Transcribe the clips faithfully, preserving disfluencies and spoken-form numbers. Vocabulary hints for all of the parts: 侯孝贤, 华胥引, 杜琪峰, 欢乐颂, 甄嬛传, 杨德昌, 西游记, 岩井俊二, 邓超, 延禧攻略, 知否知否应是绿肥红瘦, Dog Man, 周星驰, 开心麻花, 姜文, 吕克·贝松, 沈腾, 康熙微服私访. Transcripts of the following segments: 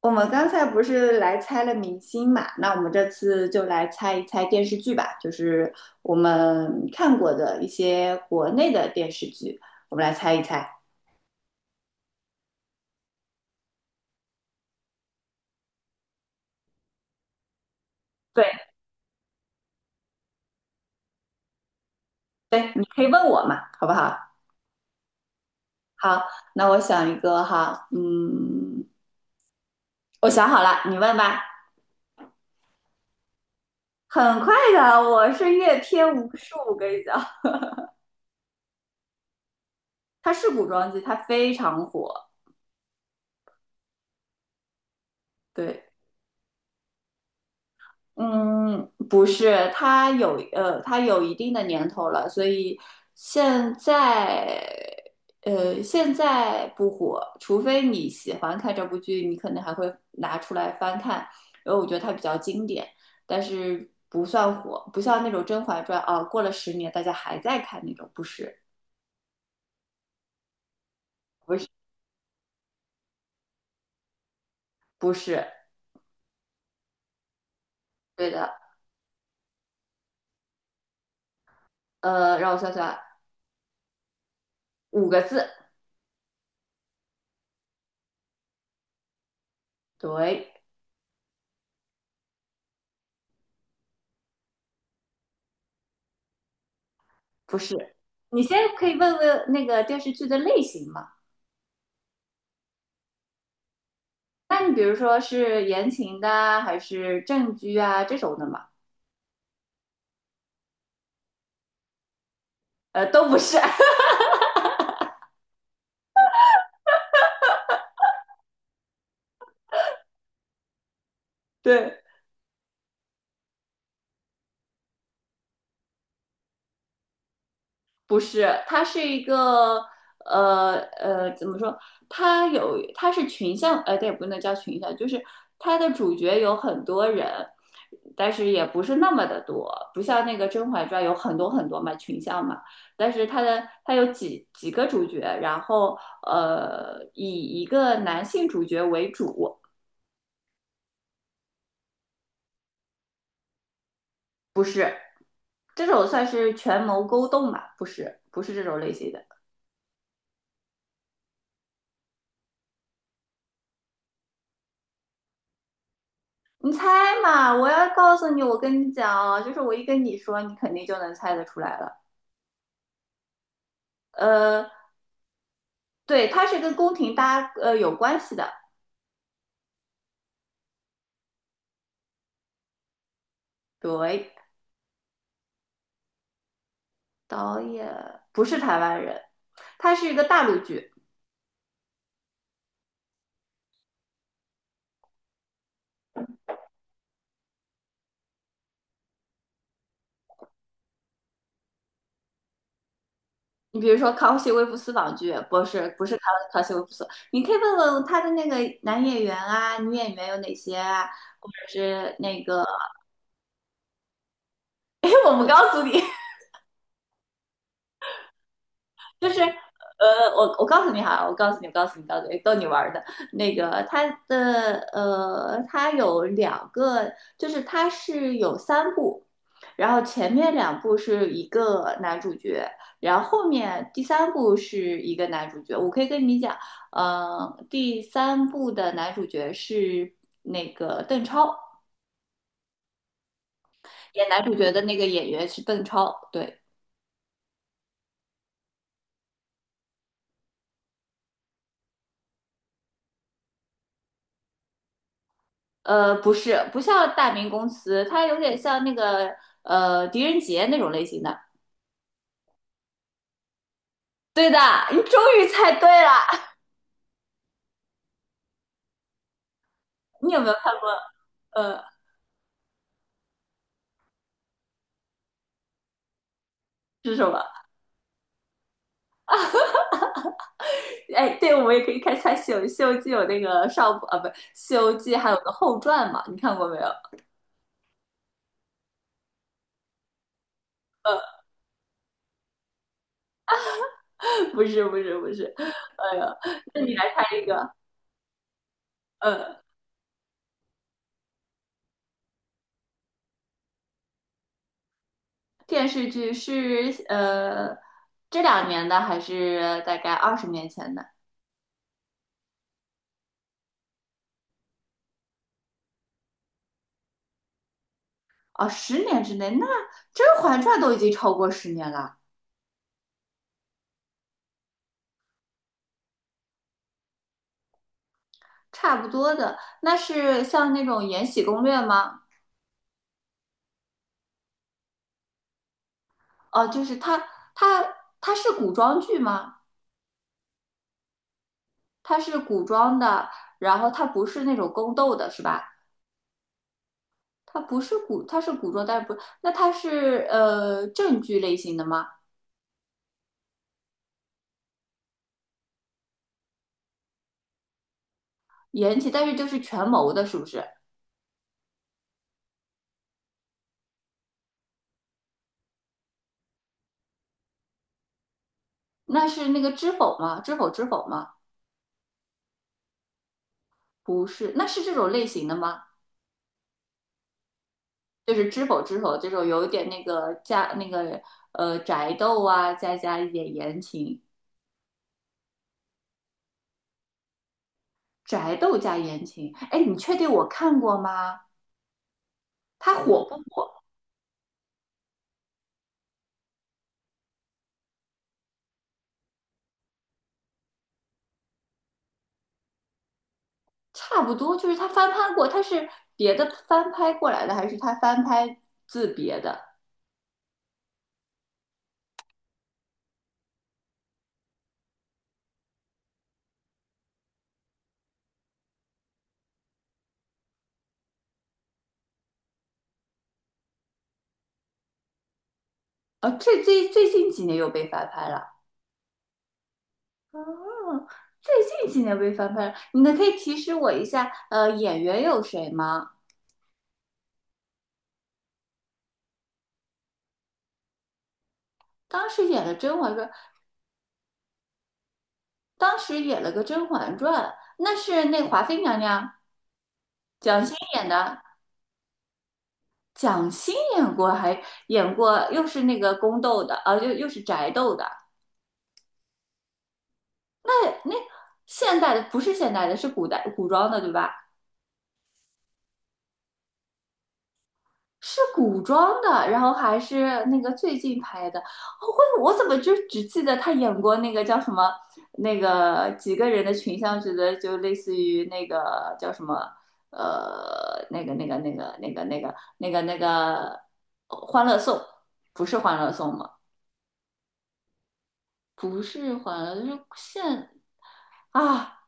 我们刚才不是来猜了明星嘛，那我们这次就来猜一猜电视剧吧，就是我们看过的一些国内的电视剧，我们来猜一猜。对，对，你可以问我嘛，好不好？好，那我想一个哈，嗯，我想好了，你问吧。很快的，我是阅片无数，我跟你讲，它是古装剧，它非常火。对，嗯，不是，它有呃，它有一定的年头了，所以现在呃，现在不火，除非你喜欢看这部剧，你可能还会拿出来翻看，因为我觉得它比较经典，但是不算火，不像那种《甄嬛传》啊，过了十年大家还在看那种，不是，不是，不是，对的。呃，让我算算，五个字。对，不是，你先可以问问那个电视剧的类型吗？那你比如说是言情的啊还是正剧啊这种的嘛？呃，都不是。对，不是，它是一个呃呃怎么说？它有它是群像，呃，对，不能叫群像，就是它的主角有很多人，但是也不是那么的多，不像那个《甄嬛传》有很多很多嘛群像嘛，但是它的它有几几个主角，然后呃以一个男性主角为主。这种算是权谋勾动吧？不是，不是这种类型的。你猜嘛？我要告诉你，我跟你讲哦，就是我一跟你说，你肯定就能猜得出来了。呃，对，他是跟宫廷搭呃有关系的。对，导演不是台湾人，他是一个大陆剧。你比如说《康熙微服私访》剧，不是不是康康熙微服私，你可以问问他的那个男演员啊、女演员有哪些啊，或者是那个。哎，我不告诉你。就是呃，我我告诉你哈，我告诉你，我告诉你，告诉你，逗你玩儿的。那个它的呃，它有两个，就是它是有三部，然后前面两部是一个男主角，然后后面第三部是一个男主角。我可以跟你讲，呃，第三部的男主角是那个邓超，演男主角的那个演员是邓超，对。呃，不是，不像大明公司，它有点像那个呃狄仁杰那种类型的。对的，你终于猜对了。你有没有看过？呃，是什么？哎，对，我们也可以看一下西游西游记》有那个上部啊，不，《西游记》还有个后传嘛？你看过没有？不是，不是，不是。哎呀，那你来看一个。呃，电视剧是呃这两年的，还是大概二十年前的？哦，十年之内，那《甄嬛传》都已经超过十年了。差不多的。那是像那种《延禧攻略》吗？哦、呃就是它，它，它是古装剧吗？它是古装的，然后它不是那种宫斗的，是吧？它不是古，它是古装，但是不，那它是呃正剧类型的吗？延禧，但是就是权谋的，是不是？那是那个知否吗？知否知否吗？不是，那是这种类型的吗？就是知否知否这种有一点那个家那个呃宅斗啊，再加一点言情，宅斗加言情，哎，你确定我看过吗？它火不火？差不多，就是它翻拍过，它是别的翻拍过来的，还是它翻拍自别的？啊，最最最近几年又被翻拍了。哦，最近几年被翻拍了，你能可以提示我一下，呃，演员有谁吗？当时演了《甄嬛传》，当时演了个《甄嬛传》，那是那华妃娘娘蒋欣演的，蒋欣演过，还演过，又是那个宫斗的，啊，又又是宅斗的。那那现代的不是现代的，是古代古装的，对吧？是古装的，然后还是那个最近拍的。哦我我怎么就只记得他演过那个叫什么，那个几个人的群像剧的，就类似于那个叫什么，呃，那个那个那个那个那个那个那个《欢乐颂》，不是《欢乐颂》吗？不是还了，就是现啊，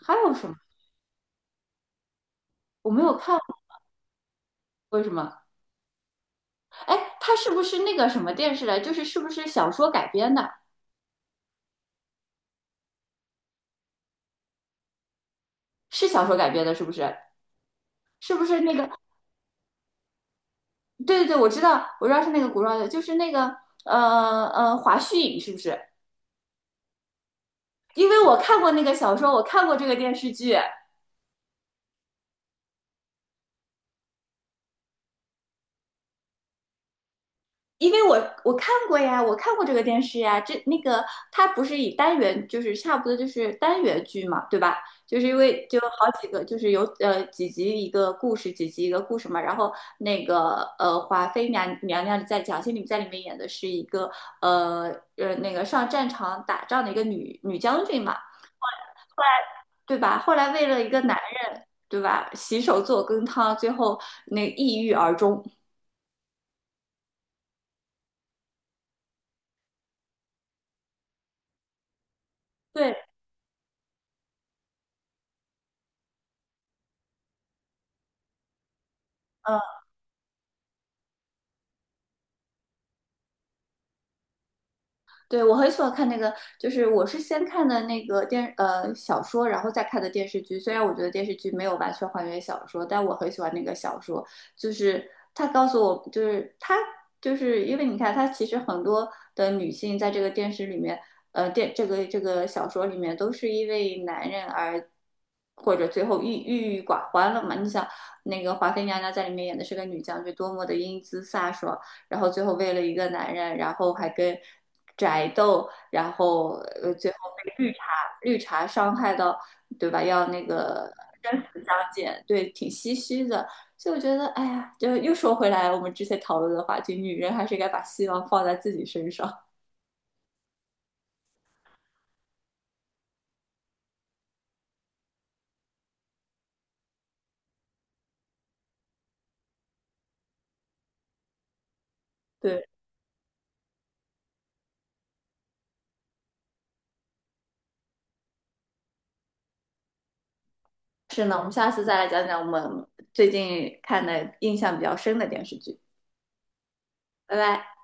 还有什么？我没有看过为什么？哎，它是不是那个什么电视来？就是是不是小说改编的？是小说改编的，是不是？是不是那个？对对对，我知道，我知道是那个古装的，就是那个呃呃华胥引，是不是？因为我看过那个小说，我看过这个电视剧。因为我我看过呀，我看过这个电视呀，这那个它不是以单元，就是差不多就是单元剧嘛，对吧？就是因为就有好几个，就是有呃几集一个故事，几集一个故事嘛。然后那个呃华妃娘娘娘在蒋欣里在里面演的是一个呃呃那个上战场打仗的一个女女将军嘛，对吧？后来为了一个男人，对吧？洗手做羹汤，最后那抑郁而终。对，嗯、对，我很喜欢看那个，就是我是先看的那个电呃小说，然后再看的电视剧。虽然我觉得电视剧没有完全还原小说，但我很喜欢那个小说，就是他告诉我，就是他就是因为你看，他其实很多的女性在这个电视里面，呃电这个这个小说里面都是因为男人而。或者最后郁郁郁寡欢了嘛？你想，那个华妃娘娘在里面演的是个女将军，多么的英姿飒爽，然后最后为了一个男人，然后还跟宅斗，然后呃最后被绿茶绿茶伤害到，对吧？要那个生死相见，对，挺唏嘘的。所以我觉得，哎呀，就又说回来，我们之前讨论的话题，女人还是该把希望放在自己身上。对，是呢，我们下次再来讲讲我们最近看的印象比较深的电视剧。拜拜。